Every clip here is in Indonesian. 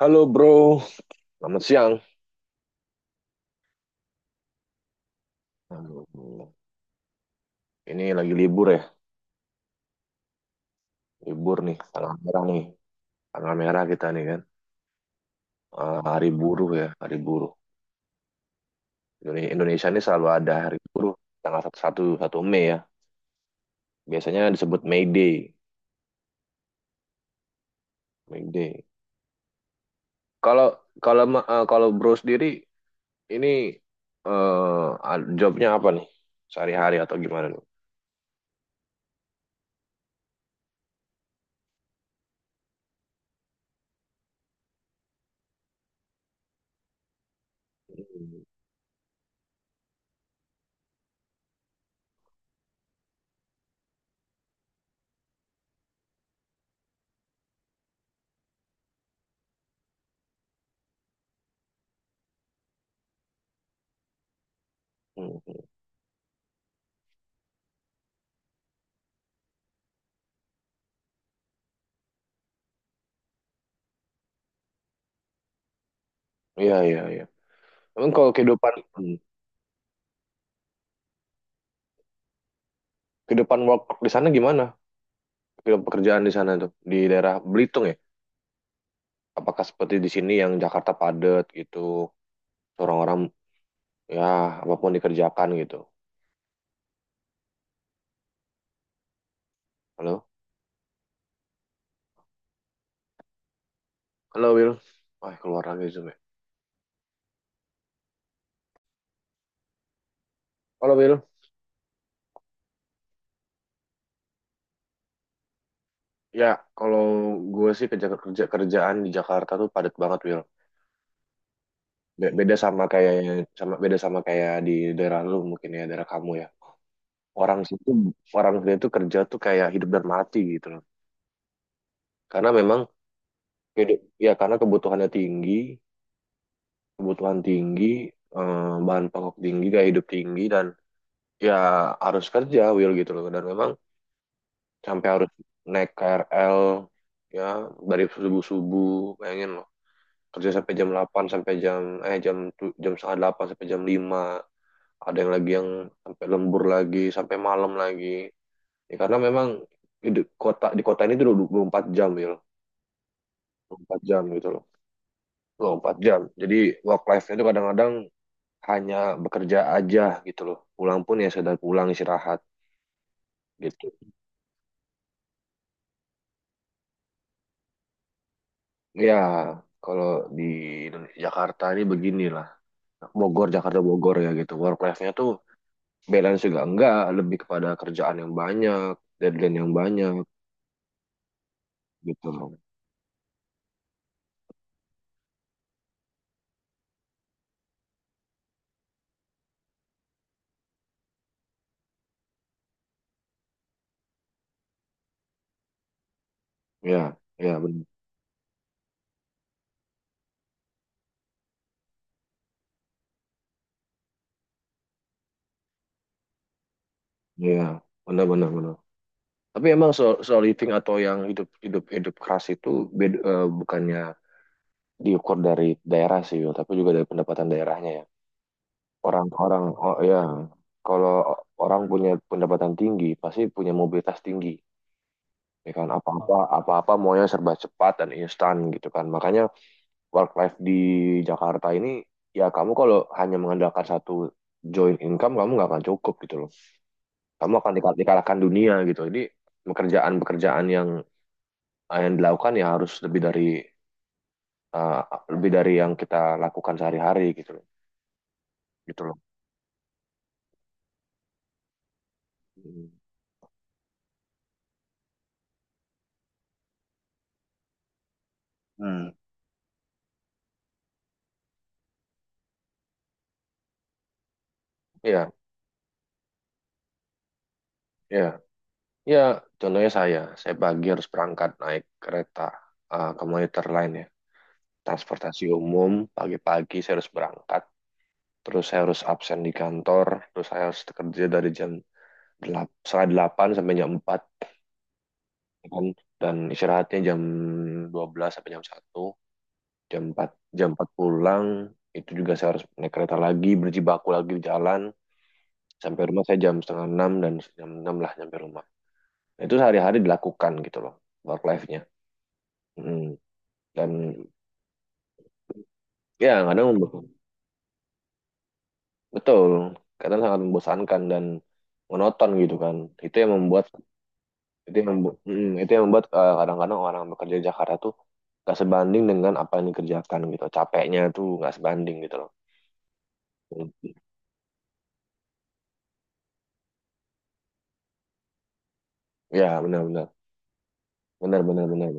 Halo, bro, selamat siang. Halo, bro. Ini lagi libur ya, libur nih, tanggal merah kita nih kan. Eh, hari buruh ya, hari buruh. Indonesia ini selalu ada hari buruh tanggal satu satu satu Mei ya, biasanya disebut May Day, May Day. Kalau kalau ma- eh, Kalau bro sendiri ini jobnya apa nih, sehari-hari atau gimana nih? Hmm, hmm, hmm. Iya, iya, iya. Emang kalau kehidupan kehidupan work di sana gimana? Ke pekerjaan di sana tuh di daerah Belitung ya? Apakah seperti di sini yang Jakarta padat gitu, orang-orang, ya, apapun dikerjakan gitu. Halo, halo Will. Wah, keluar lagi zoom ya. Halo Will. Ya, kalau gue sih kerja kerja kerjaan di Jakarta tuh padat banget, Will. Beda sama kayak, beda sama kayak di daerah lu, mungkin ya, daerah kamu ya. Orang situ Orang situ tuh kerja tuh kayak hidup dan mati gitu loh. Karena memang ya, karena kebutuhannya tinggi, kebutuhan tinggi, bahan pokok tinggi, gaya hidup tinggi, dan ya harus kerja, Will, gitu loh. Dan memang sampai harus naik KRL, ya, dari subuh-subuh, bayangin loh. Kerja sampai jam 8 sampai jam setengah 8 sampai jam lima. Ada yang sampai lembur lagi, sampai malam lagi. Ya, karena memang di kota, di kota ini tuh 24 jam, Will. Dua puluh empat jam gitu loh. Dua puluh empat jam. Jadi work life-nya itu kadang-kadang hanya bekerja aja gitu loh. Pulang pun ya sekedar pulang istirahat gitu. Ya, kalau di Jakarta ini beginilah. Bogor, Jakarta Bogor ya gitu. Work life-nya tuh balance juga enggak, lebih kepada kerjaan yang banyak, deadline yang banyak gitu loh. Ya, ya benar. Ya, benar, benar, benar. Tapi emang slow living atau yang hidup hidup hidup keras itu bukannya diukur dari daerah sih, Wil, tapi juga dari pendapatan daerahnya ya. Orang-orang, oh ya, kalau orang punya pendapatan tinggi, pasti punya mobilitas tinggi, ya kan? Apa-apa, apa-apa maunya serba cepat dan instan gitu kan. Makanya work life di Jakarta ini, ya kamu kalau hanya mengandalkan satu joint income, kamu nggak akan cukup gitu loh. Kamu akan dikalahkan dunia gitu. Jadi pekerjaan-pekerjaan yang dilakukan ya harus uh, lebih dari yang kita lakukan sehari-hari gitu loh, gitu loh. Hmm. Hmm. Iya, iya. Ya, contohnya saya pagi harus berangkat naik kereta, komuter lain ya, transportasi umum. Pagi-pagi saya harus berangkat, terus saya harus absen di kantor, terus saya harus kerja dari jam 8, setengah 8 sampai jam 4 kan? Dan istirahatnya jam 12 sampai jam satu, jam 4 jam 4 pulang, itu juga saya harus naik kereta lagi, berjibaku lagi di jalan, sampai rumah saya jam setengah 6 dan jam 6 lah sampai rumah. Nah, itu sehari-hari dilakukan gitu loh, work life-nya. Hmm. Dan ya kadang betul, kadang sangat membosankan dan monoton gitu kan, itu yang membuat itu yang membuat, eh, kadang-kadang orang bekerja di Jakarta tuh gak sebanding dengan apa yang dikerjakan gitu, capeknya tuh gak sebanding gitu loh. ya benar-benar Benar-benar benar,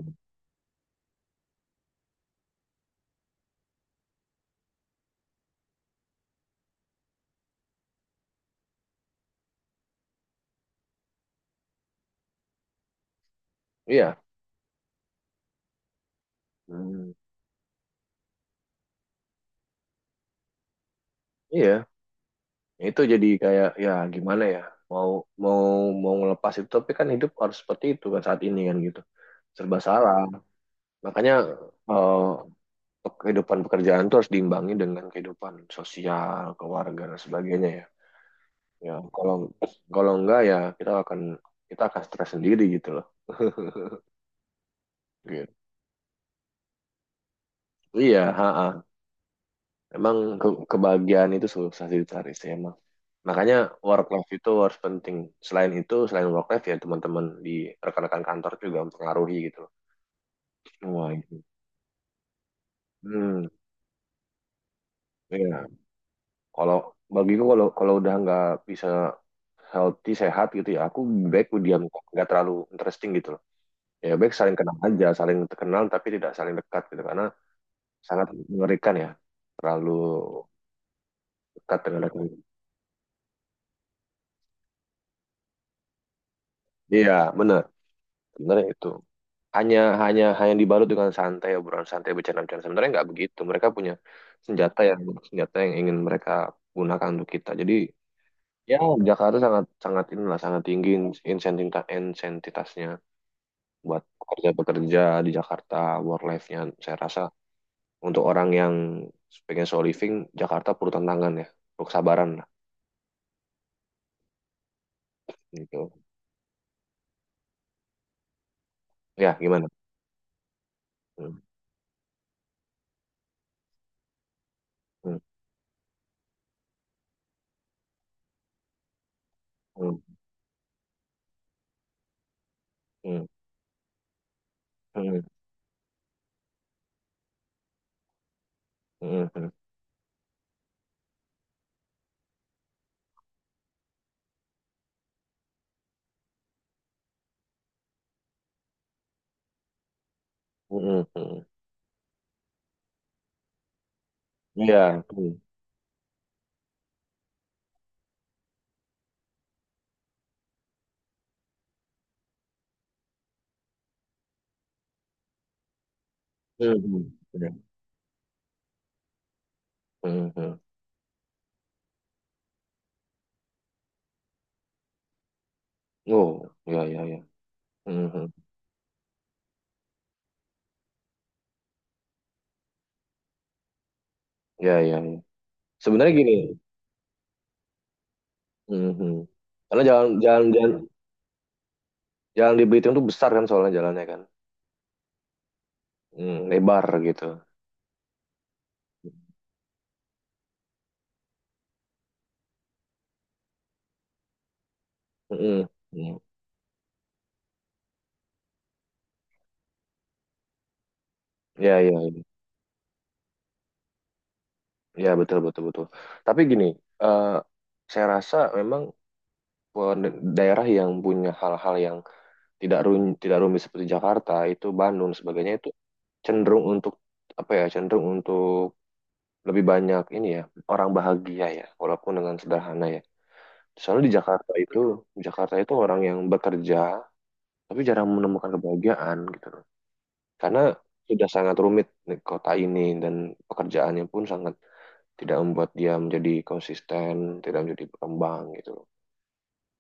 iya. Hmm, iya, itu jadi kayak, ya gimana ya, mau mau mau ngelepas itu tapi kan hidup harus seperti itu kan saat ini kan gitu, serba salah. Makanya, eh, kehidupan pekerjaan tuh harus diimbangi dengan kehidupan sosial, keluarga dan sebagainya ya. Ya, kalau kalau enggak ya kita akan stres sendiri gitu loh. Gitu. Iya, ha -ha. Emang ke kebahagiaan itu susah dicari sih emang. Makanya work life itu harus penting. Selain itu, selain work life ya teman-teman di rekan-rekan kantor juga mempengaruhi gitu loh. Wah, gitu. Hmm, iya. Kalau bagiku kalau kalau udah nggak bisa healthy sehat gitu ya, aku baik diam kok, nggak terlalu interesting gitu. Ya, baik saling kenal aja saling terkenal tapi tidak saling dekat gitu, karena sangat mengerikan ya terlalu dekat dengan dekat. Iya benar, sebenarnya itu hanya hanya hanya dibalut dengan santai, obrolan santai, bercanda-bercanda, sebenarnya nggak begitu mereka punya senjata yang senjata yang ingin mereka gunakan untuk kita, jadi ya Jakarta sangat sangat inilah, sangat tinggi insentitasnya buat pekerja-pekerja di Jakarta. Work life-nya saya rasa untuk orang yang pengen solo living, Jakarta perlu tantangan ya, perlu kesabaran lah gitu, ya gimana. Hmm, hmm, hmm, hmm, hmm, hmm, hmm, hmm, hmm. Hmm. Iya. Hmm, hmm, hmm, iya. Hmm, hmm. Oh ya, ya, ya. Hmm, hmm. Ya, ya, ya, sebenarnya gini. Hmm, hmm. Karena jalan, jalan di Belitung tuh besar kan soalnya jalannya kan hmm lebar gitu. Hmm, hmm. Ya, ya, ya. Ya, betul, betul, betul, tapi gini, eh, saya rasa memang, daerah yang punya hal-hal yang tidak rumit seperti Jakarta itu Bandung dan sebagainya itu cenderung untuk apa ya, cenderung untuk lebih banyak ini ya, orang bahagia ya walaupun dengan sederhana ya, soalnya di Jakarta itu orang yang bekerja tapi jarang menemukan kebahagiaan gitu loh, karena sudah sangat rumit di kota ini dan pekerjaannya pun sangat tidak membuat dia menjadi konsisten, tidak menjadi berkembang gitu loh.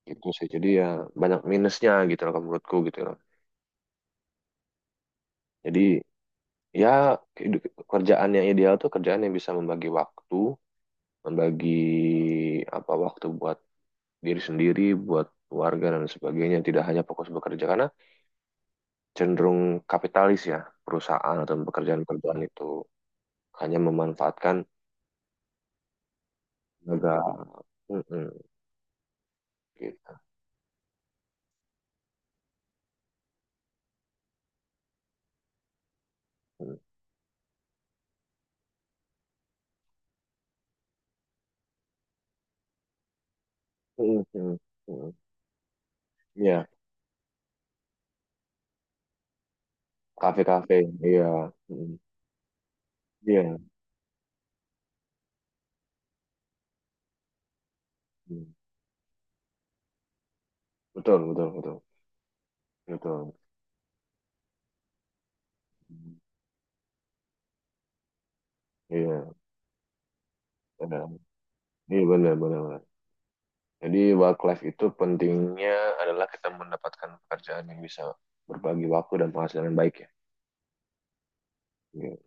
Gitu sih, jadi ya banyak minusnya gitu loh kalau menurutku gitu loh. Jadi ya, kehidu- kerjaan yang ideal tuh kerjaan yang bisa membagi waktu, membagi apa, waktu buat diri sendiri, buat keluarga dan sebagainya, tidak hanya fokus bekerja karena cenderung kapitalis ya, perusahaan atau pekerjaan-pekerjaan itu hanya memanfaatkan tenaga. Mm-mm, gitu. Mm-mm, mm-mm. Iya, kafe-kafe, iya, mm-mm, iya, mm, betul, betul, betul, betul, mm, iya, benar, iya benar, benar. Jadi work life itu pentingnya adalah kita mendapatkan pekerjaan yang bisa berbagi waktu dan penghasilan yang baik ya. Iya,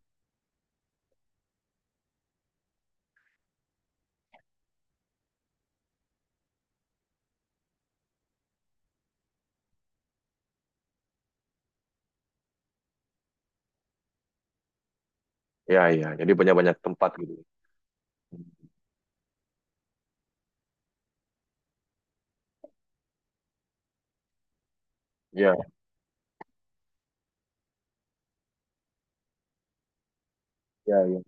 iya, iya. Jadi banyak-banyak tempat gitu. Iya, iya, iya.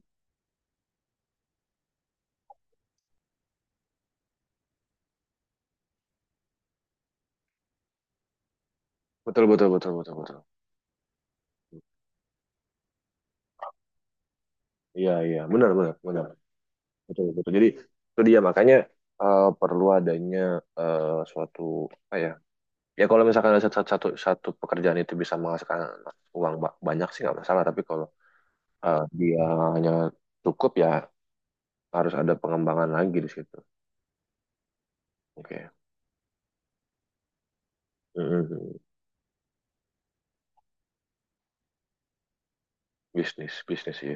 Betul, betul, betul, betul, betul. Iya, iya. Benar, benar, benar. Betul, betul. Jadi itu dia makanya, eh, perlu adanya, eh, suatu apa ya? Ya kalau misalkan ada satu pekerjaan itu bisa menghasilkan uang banyak sih nggak masalah. Tapi kalau eh, dia hanya cukup ya, harus ada pengembangan lagi di situ. Oke. Mm-mm. Bisnis, bisnis sih,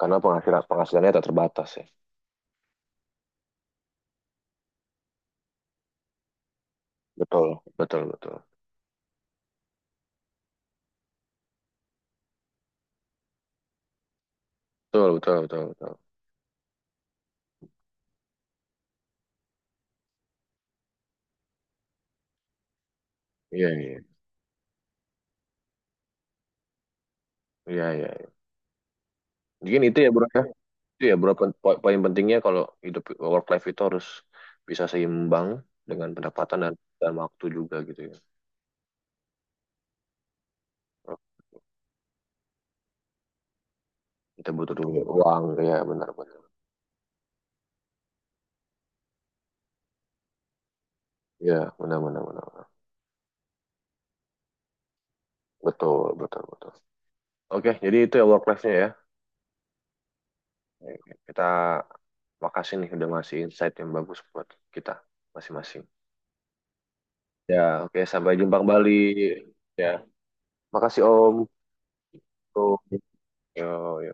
karena penghasilannya tak terbatas ya. Betul, betul, betul, betul, betul, betul, betul. Iya, iya, iya, iya, iya. Mungkin itu ya bro ya, itu ya bro poin pentingnya kalau hidup work life itu harus bisa seimbang dengan pendapatan dan waktu juga gitu ya. Kita butuh dulu uang ya, benar, benar, ya benar, benar, benar, benar. Betul, betul, betul. Oke, jadi itu ya work life-nya ya kita. Makasih nih udah ngasih insight yang bagus buat kita masing-masing. Ya, oke, sampai jumpa kembali. Ya, makasih Om. Tuh. Yo,